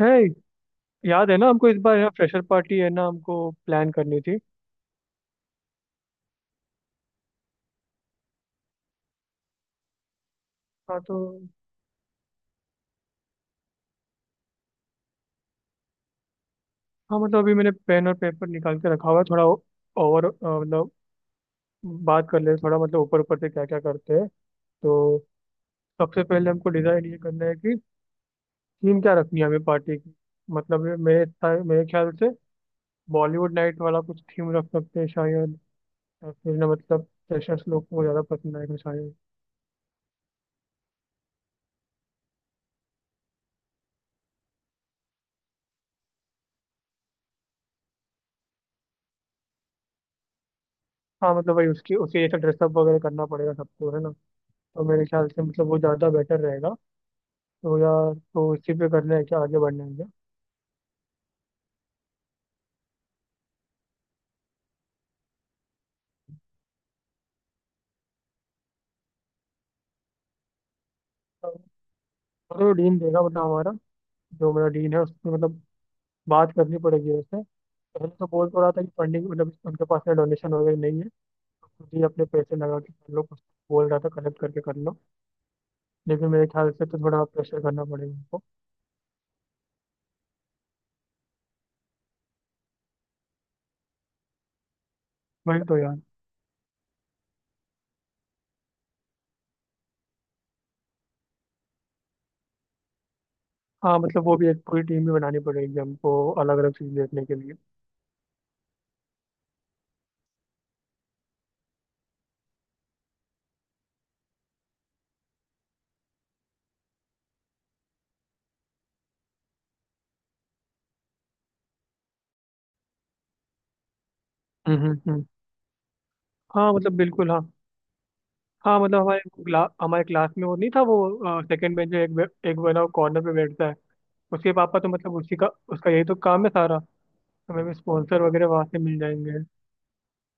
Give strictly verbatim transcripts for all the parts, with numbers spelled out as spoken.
है। याद है ना हमको, इस बार है ना, फ्रेशर पार्टी है ना हमको प्लान करनी थी। हाँ तो, हाँ मतलब अभी मैंने पेन और पेपर निकाल के रखा हुआ है थोड़ा ओवर मतलब, बात कर ले थोड़ा मतलब ऊपर ऊपर से क्या क्या करते हैं तो सबसे पहले हमको डिसाइड ये करना है कि थीम क्या रखनी है हमें पार्टी की। मतलब ये मेरे सा- मेरे ख्याल से बॉलीवुड नाइट वाला कुछ थीम रख सकते हैं शायद, या फिर ना मतलब फ्रेशर्स लोग को ज़्यादा पसंद आएगा शायद। हाँ मतलब वही उसकी उसके जैसा ड्रेसअप वगैरह करना पड़ेगा सबको, है ना। तो मेरे ख्याल से मतलब वो ज़्यादा बेटर रहेगा। तो यार, तो इसी पे करना है क्या, आगे बढ़ना है क्या? तो डीन देगा मतलब हमारा, जो मेरा डीन है उसमें मतलब बात करनी पड़ेगी उससे। पहले तो बोल तो रहा था कि फंडिंग मतलब उनके पास में डोनेशन वगैरह नहीं है, तो खुद ही अपने पैसे लगा के कर लो कुछ। बोल रहा था कलेक्ट करके कर लो, लेकिन मेरे ख्याल से तो थोड़ा प्रेशर करना पड़ेगा उनको। वही तो यार। हाँ मतलब वो भी एक पूरी टीम भी बनानी पड़ेगी हमको, अलग अलग चीज़ देखने के लिए। हम्म, हम्म, हम्म। हाँ मतलब बिल्कुल, हाँ। हाँ मतलब हमारे क्ला, हमारे क्लास में वो नहीं था, वो सेकंड बेंच में एक बे- एक वाला कॉर्नर पे बैठता है। उसके पापा तो मतलब उसी का, उसका यही तो काम है सारा। तो हमें स्पॉन्सर वगैरह वहां से मिल जाएंगे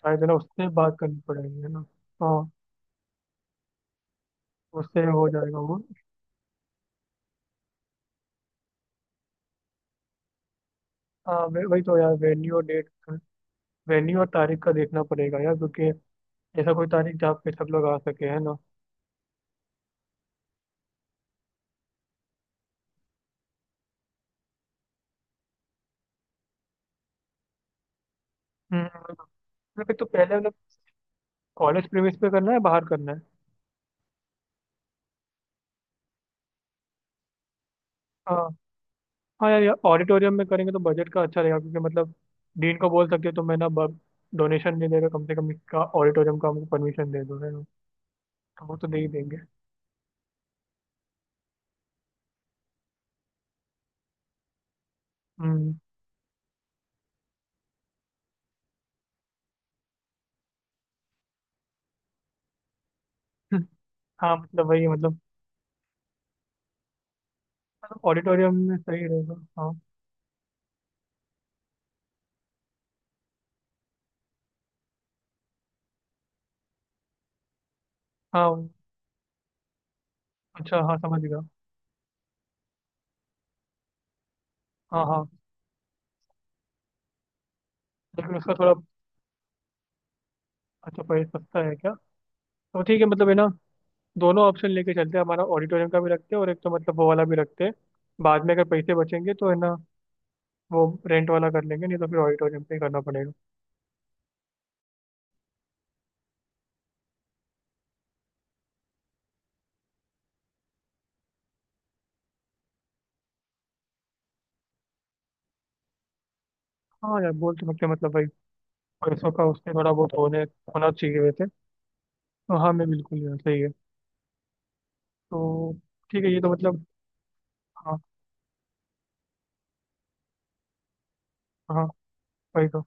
शायद, है ना, उससे बात करनी पड़ेगी है ना। हाँ उससे हो जाएगा वो। हाँ वे- वही तो यार, वेन्यू और डेट, वेन्यू और तारीख का देखना पड़ेगा यार, क्योंकि ऐसा कोई तारीख जहाँ पे सब लोग आ सके, है ना। हम्म, मतलब एक तो पहले मतलब कॉलेज प्रीमिस पे करना है, बाहर करना है? हाँ हाँ यार, यार ऑडिटोरियम में करेंगे तो बजट का अच्छा रहेगा, क्योंकि मतलब डीन को बोल सकते हो तो मैं ना, डोनेशन दे देगा कम से कम, इसका ऑडिटोरियम का हमको परमिशन दे दो है ना, तो वो तो दे ही देंगे। हम्म। हाँ मतलब वही मतलब ऑडिटोरियम में सही रहेगा। हाँ हाँ, अच्छा हाँ, समझ गया। हाँ हाँ। लेकिन उसका थोड़ा, अच्छा प्राइस सस्ता है क्या? तो ठीक है मतलब, है ना, दोनों ऑप्शन लेके चलते हैं, हमारा ऑडिटोरियम का भी रखते हैं और एक तो मतलब वो वाला भी रखते हैं। बाद में अगर पैसे बचेंगे तो है ना वो रेंट वाला कर लेंगे, नहीं तो फिर ऑडिटोरियम पे ही करना पड़ेगा। हाँ यार बोल तो सकते हैं, मतलब भाई पैसों का उससे थोड़ा बहुत होने होना चाहिए वैसे, तो हाँ मैं बिल्कुल यार, सही है। तो ठीक है ये तो मतलब, हाँ हाँ, वही तो।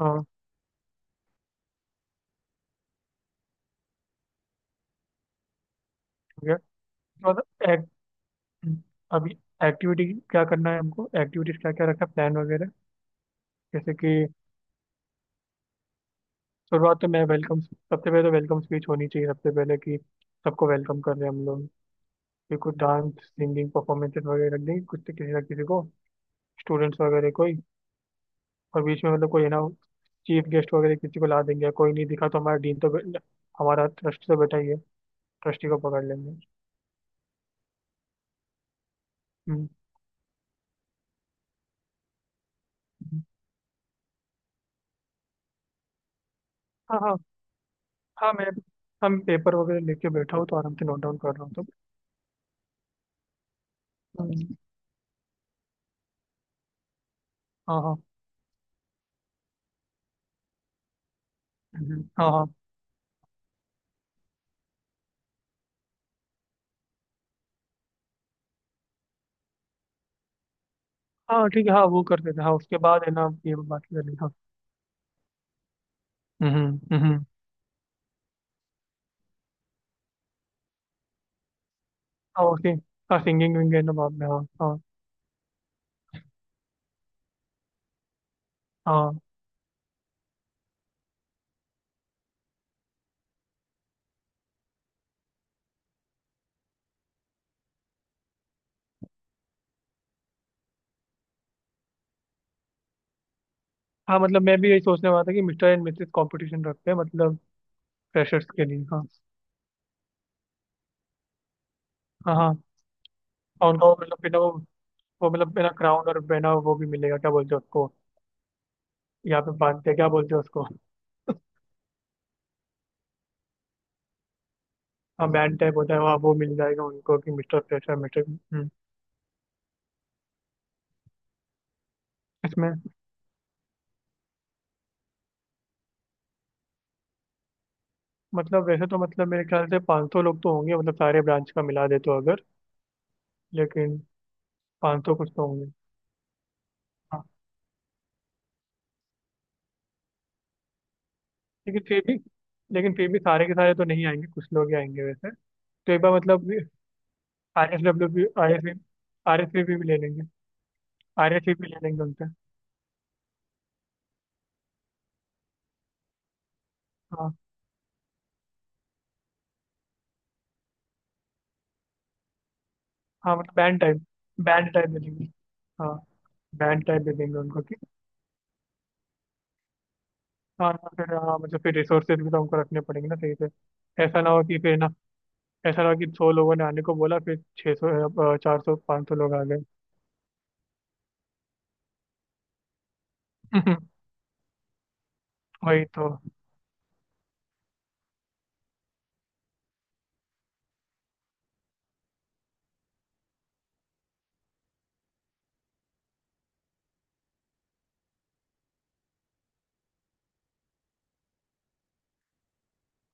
हाँ ठीक है। अब एक्टिविटी, क्या करना है हमको? एक्टिविटीज क्या क्या रखना है, प्लान वगैरह, जैसे कि शुरुआत तो मैं वेलकम सबसे पहले तो वेलकम स्पीच होनी चाहिए सबसे पहले कि सबको वेलकम कर रहे हैं हम लोग। फिर कुछ डांस सिंगिंग परफॉर्मेंसेस वगैरह रख देंगे कुछ तो, किसी ना किसी को, स्टूडेंट्स वगैरह कोई। और बीच में मतलब कोई है ना चीफ गेस्ट वगैरह किसी को ला देंगे, कोई नहीं दिखा तो हमारा डीन तो बे- हमारा ट्रस्टी तो बैठा ही है, ट्रस्टी को पकड़ लेंगे। हम्म, हम्म। हाँ हाँ। हाँ मैं हम पेपर वगैरह लेके बैठा हूँ तो आराम से नोट डाउन कर रहा हूँ तो हम्म, हाँ हाँ। हम्म, हाँ हाँ। हाँ ठीक है हाँ, वो कर देते हैं। हाँ उसके बाद है ना ये बात करनी, हाँ। हम्म, हम्म। हाँ ओके। हाँ सिंगिंग विंग है ना बाद में, हाँ हाँ। हाँ हाँ मतलब, मैं भी यही सोचने वाला था कि मिस्टर एंड मिसेस कंपटीशन रखते हैं मतलब फ्रेशर्स के लिए, हाँ। हाँ हाँ। और उनका वो मतलब बिना वो वो मतलब बिना क्राउन और बिना वो भी मिलेगा, क्या बोलते हैं उसको? यहाँ पे बांधते हैं, क्या बोलते हैं उसको? हाँ बैंड टाइप होता है, वहाँ वो मिल जाएगा उनको कि मिस्टर फ्रेशर, मिस्टर। हम्म, इसमें मतलब वैसे तो मतलब मेरे ख्याल से पाँच सौ लोग तो होंगे मतलब, सारे ब्रांच का मिला दे तो, अगर लेकिन पाँच सौ कुछ तो होंगे। हाँ। लेकिन फिर भी लेकिन फिर भी सारे के सारे तो नहीं आएंगे, कुछ लोग ही आएंगे वैसे। तो एक बार मतलब आर एस डब्ल्यू भी आर एस, आर एस भी ले लेंगे, आर एस भी ले लेंगे उनसे। हाँ हाँ मतलब बैंड टाइप, बैंड टाइप दे देंगे। हाँ बैंड टाइप दे देंगे उनको कि, हाँ हाँ, फिर हाँ हाँ, मतलब फिर रिसोर्सेज भी तो हमको रखने पड़ेंगे ना सही से, ऐसा ना हो कि फिर ना, ऐसा ना हो कि सौ लोगों ने आने को बोला फिर छः सौ, चार सौ, पाँच सौ लोग आ गए। वही तो।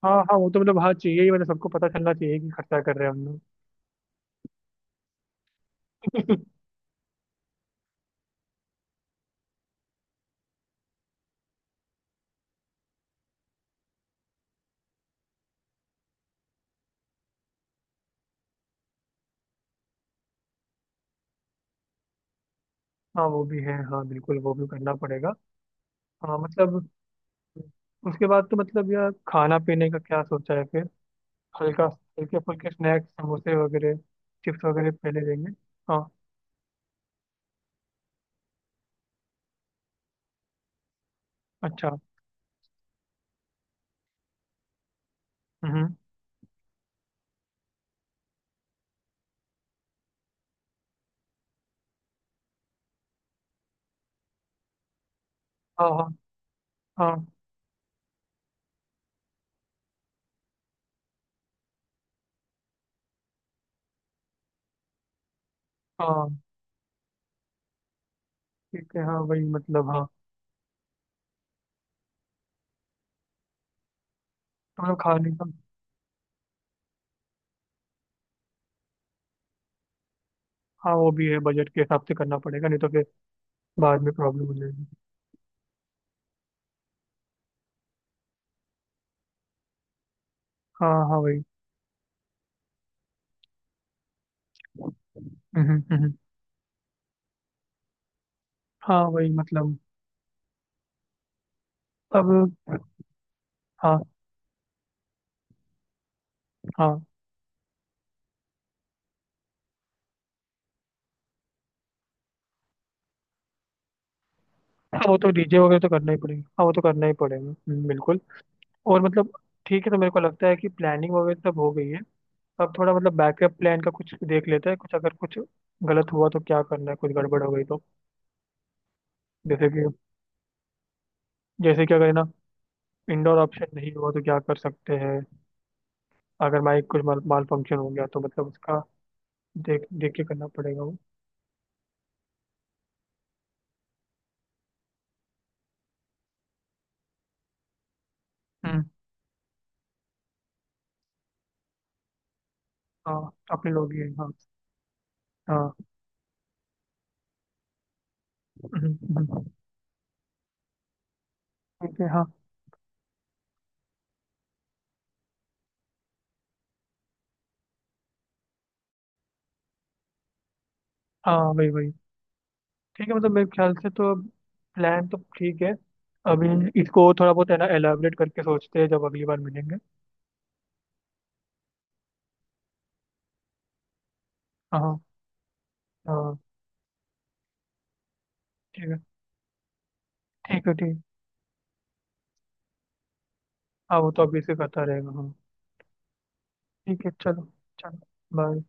हाँ हाँ वो तो मतलब हाँ चाहिए ही, मतलब सबको पता चलना चाहिए कि खर्चा कर रहे हैं हम लोग। हाँ वो भी है हाँ, बिल्कुल वो भी करना पड़ेगा। हाँ मतलब उसके बाद तो मतलब यार, खाना पीने का क्या सोचा है फिर? हल्का हल्के फुल्के स्नैक्स, समोसे वगैरह, चिप्स वगैरह पहले देंगे। हाँ अच्छा। हम्म, हाँ हाँ। हाँ हाँ ठीक है। हाँ वही मतलब हाँ। तो मतलब खाने का, हाँ वो भी है, बजट के हिसाब से करना पड़ेगा, नहीं तो फिर बाद में प्रॉब्लम हो जाएगी। हाँ हाँ वही। हम्म, हम्म, हम्म, हाँ वही मतलब। अब हाँ हाँ हाँ, वो तो डीजे वगैरह तो करना ही पड़ेगा, हाँ वो तो करना ही पड़ेगा, हम्म, बिल्कुल। और मतलब ठीक है, तो मेरे को लगता है कि प्लानिंग वगैरह सब हो गई है। अब थोड़ा मतलब बैकअप प्लान का कुछ देख लेते हैं, कुछ अगर कुछ गलत हुआ तो क्या करना है, कुछ गड़बड़ हो गई तो। जैसे कि जैसे कि अगर है ना इंडोर ऑप्शन नहीं हुआ तो क्या कर सकते हैं? अगर माइक कुछ माल, माल फंक्शन हो गया तो मतलब उसका देख देख के करना पड़ेगा वो। हम्म, हाँ अपने लोग ही हैं हाँ। हाँ हम्म, हम्म, ठीक है हाँ। हाँ वही वही। ठीक है मतलब मेरे ख्याल से तो प्लान तो ठीक है। अभी इसको थोड़ा बहुत है ना एलाबरेट करके सोचते हैं, जब अगली बार मिलेंगे। हाँ हाँ। ठीक है ठीक है। ठीक है हाँ, वो तो अभी से करता रहेगा। हाँ ठीक है चलो। चलो बाय।